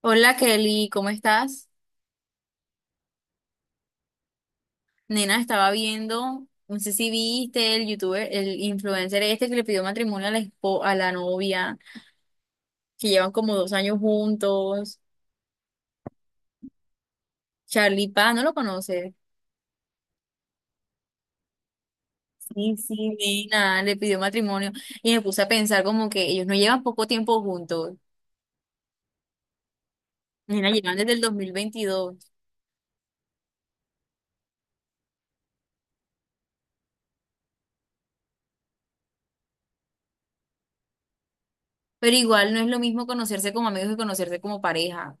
Hola Kelly, ¿cómo estás? Nena, estaba viendo, no sé si viste el youtuber, el influencer este que le pidió matrimonio a la novia, que llevan como 2 años juntos, Charlie Paz, ¿no lo conoces? Sí, sí, Nena, le pidió matrimonio y me puse a pensar como que ellos no llevan poco tiempo juntos, nena, llevan desde el 2022, pero igual no es lo mismo conocerse como amigos que conocerse como pareja.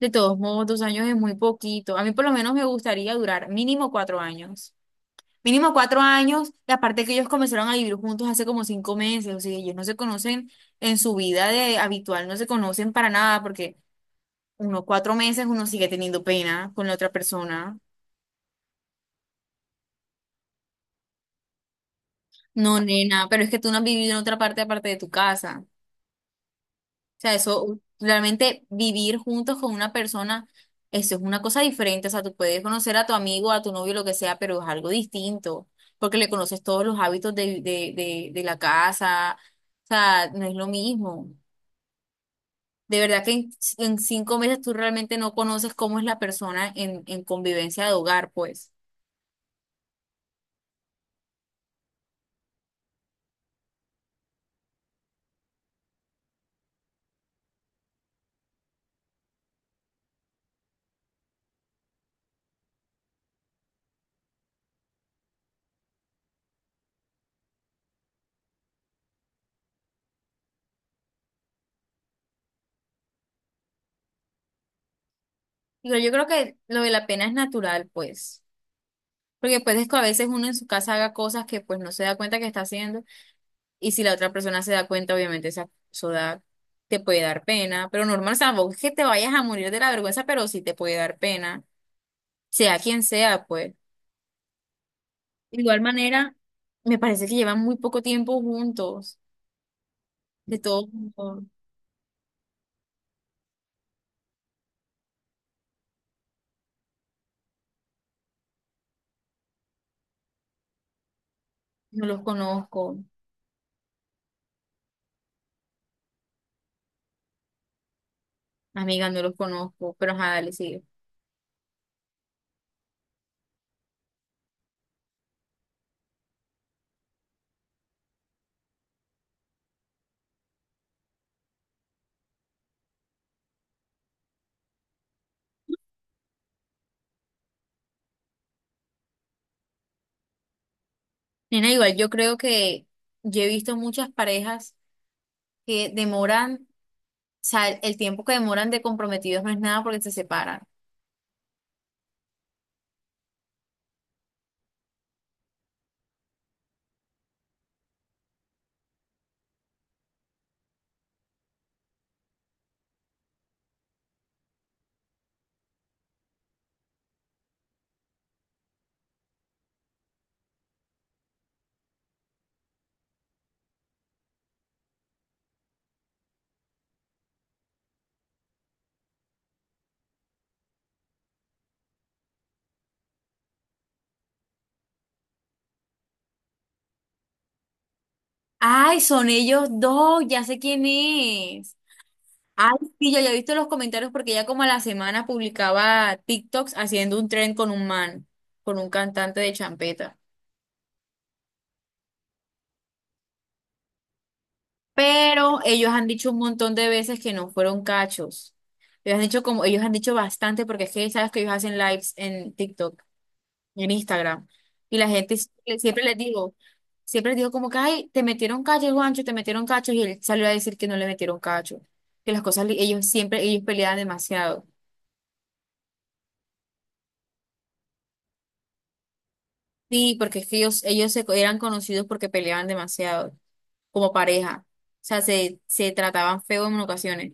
De todos modos, 2 años es muy poquito. A mí por lo menos me gustaría durar mínimo 4 años. Mínimo cuatro años, y aparte que ellos comenzaron a vivir juntos hace como 5 meses, o sea, ellos no se conocen en su vida de habitual, no se conocen para nada, porque unos 4 meses uno sigue teniendo pena con la otra persona. No, nena, pero es que tú no has vivido en otra parte aparte de tu casa. O sea, eso, realmente vivir juntos con una persona, eso es una cosa diferente. O sea, tú puedes conocer a tu amigo, a tu novio, lo que sea, pero es algo distinto, porque le conoces todos los hábitos de la casa. O sea, no es lo mismo. De verdad que en, 5 meses tú realmente no conoces cómo es la persona en convivencia de hogar, pues. Digo, yo creo que lo de la pena es natural, pues. Porque pues es que a veces uno en su casa haga cosas que pues no se da cuenta que está haciendo. Y si la otra persona se da cuenta, obviamente eso da, te puede dar pena. Pero normal, o sea, tampoco es que te vayas a morir de la vergüenza, pero sí te puede dar pena. Sea quien sea, pues. De igual manera, me parece que llevan muy poco tiempo juntos. De todos modos, no los conozco. Amiga, no los conozco, pero ajá, dale, sigue. Nena, igual yo creo que yo he visto muchas parejas que demoran, o sea, el tiempo que demoran de comprometidos no es nada porque se separan. Ay, son ellos dos, ya sé quién es. Ay, sí, yo ya he visto los comentarios porque ella como a la semana publicaba TikToks haciendo un tren con un man, con un cantante de champeta. Pero ellos han dicho un montón de veces que no fueron cachos. Ellos han dicho como, ellos han dicho bastante porque es que sabes que ellos hacen lives en TikTok. En Instagram. Y la gente siempre les digo, siempre les digo como que, ay, te metieron cacho, Juancho, te metieron cacho, y él salió a decir que no le metieron cacho, que las cosas, ellos siempre, ellos peleaban demasiado. Sí, porque es que ellos eran conocidos porque peleaban demasiado, como pareja. O sea, se trataban feo en ocasiones.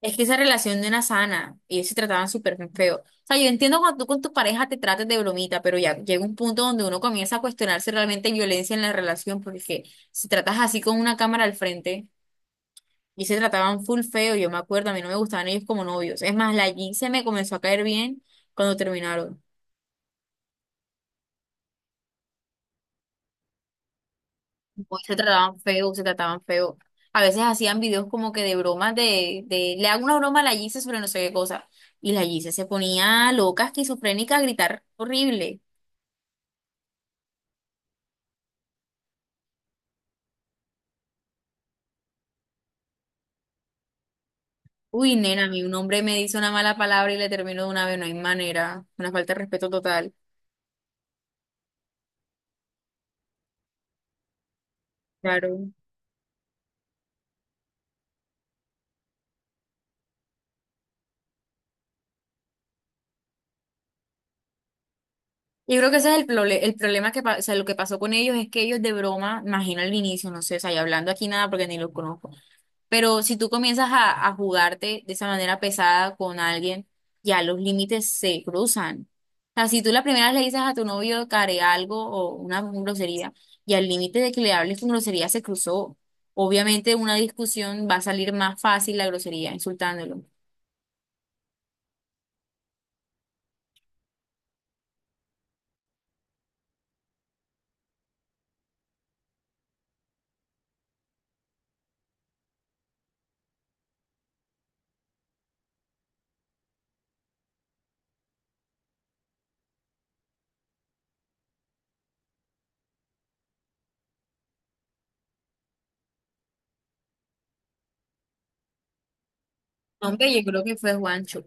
Es que esa relación no era sana y ellos se trataban súper feo. O sea, yo entiendo cuando tú con tu pareja te trates de bromita, pero ya llega un punto donde uno comienza a cuestionarse realmente hay violencia en la relación, porque si tratas así con una cámara al frente y se trataban full feo, yo me acuerdo, a mí no me gustaban ellos como novios. Es más, la Jean se me comenzó a caer bien cuando terminaron. Pues se trataban feo, se trataban feo. A veces hacían videos como que de bromas de le hago una broma a la Jean sobre no sé qué cosa. Y la Gise se ponía loca, esquizofrénica, a gritar horrible. Uy, nena, a mí un hombre me dice una mala palabra y le termino de una vez, no hay manera, una falta de respeto total. Claro. Yo creo que ese es el problema que, o sea, lo que pasó con ellos es que ellos de broma, imagino al inicio, no sé, o sea, y hablando aquí nada porque ni los conozco. Pero si tú comienzas a jugarte de esa manera pesada con alguien, ya los límites se cruzan. O sea, si tú la primera vez le dices a tu novio que haré algo o una grosería, y al límite de que le hables con grosería se cruzó. Obviamente una discusión va a salir más fácil la grosería, insultándolo. Hombre, yo creo que fue Juancho.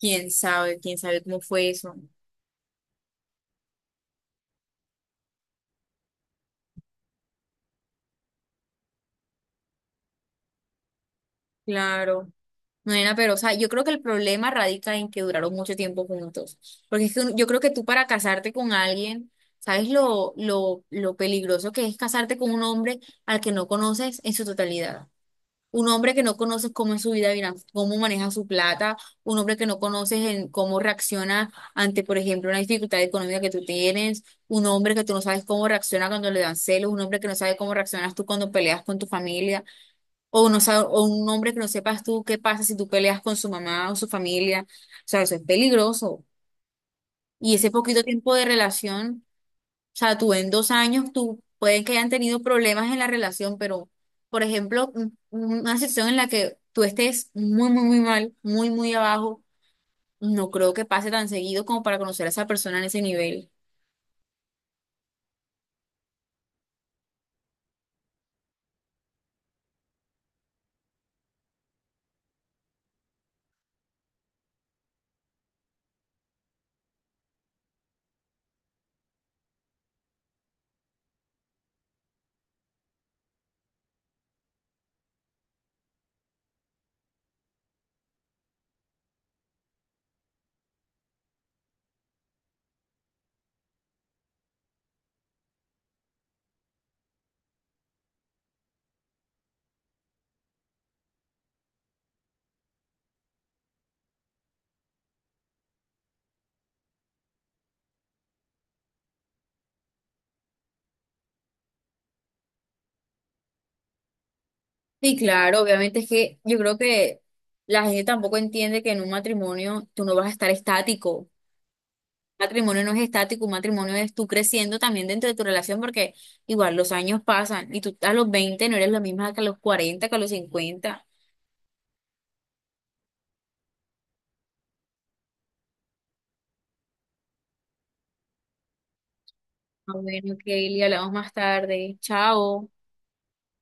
¿Quién sabe? ¿Quién sabe cómo fue eso? Claro. No, nena, pero, o sea, yo creo que el problema radica en que duraron mucho tiempo juntos. Porque es que yo creo que tú para casarte con alguien, ¿sabes lo peligroso que es casarte con un hombre al que no conoces en su totalidad? Un hombre que no conoces cómo es su vida, cómo maneja su plata, un hombre que no conoces en cómo reacciona ante, por ejemplo, una dificultad económica que tú tienes, un hombre que tú no sabes cómo reacciona cuando le dan celos, un hombre que no sabe cómo reaccionas tú cuando peleas con tu familia. O, no, o un hombre que no sepas tú qué pasa si tú peleas con su mamá o su familia. O sea, eso es peligroso. Y ese poquito tiempo de relación, o sea, tú en 2 años, tú pueden que hayan tenido problemas en la relación, pero, por ejemplo, una situación en la que tú estés muy, muy, muy mal, muy, muy abajo, no creo que pase tan seguido como para conocer a esa persona en ese nivel. Sí, claro, obviamente es que yo creo que la gente tampoco entiende que en un matrimonio tú no vas a estar estático. Matrimonio no es estático, un matrimonio es tú creciendo también dentro de tu relación porque igual los años pasan y tú a los 20 no eres la misma que a los 40, que a los 50. Ah, bueno, Kelly, hablamos más tarde. Chao.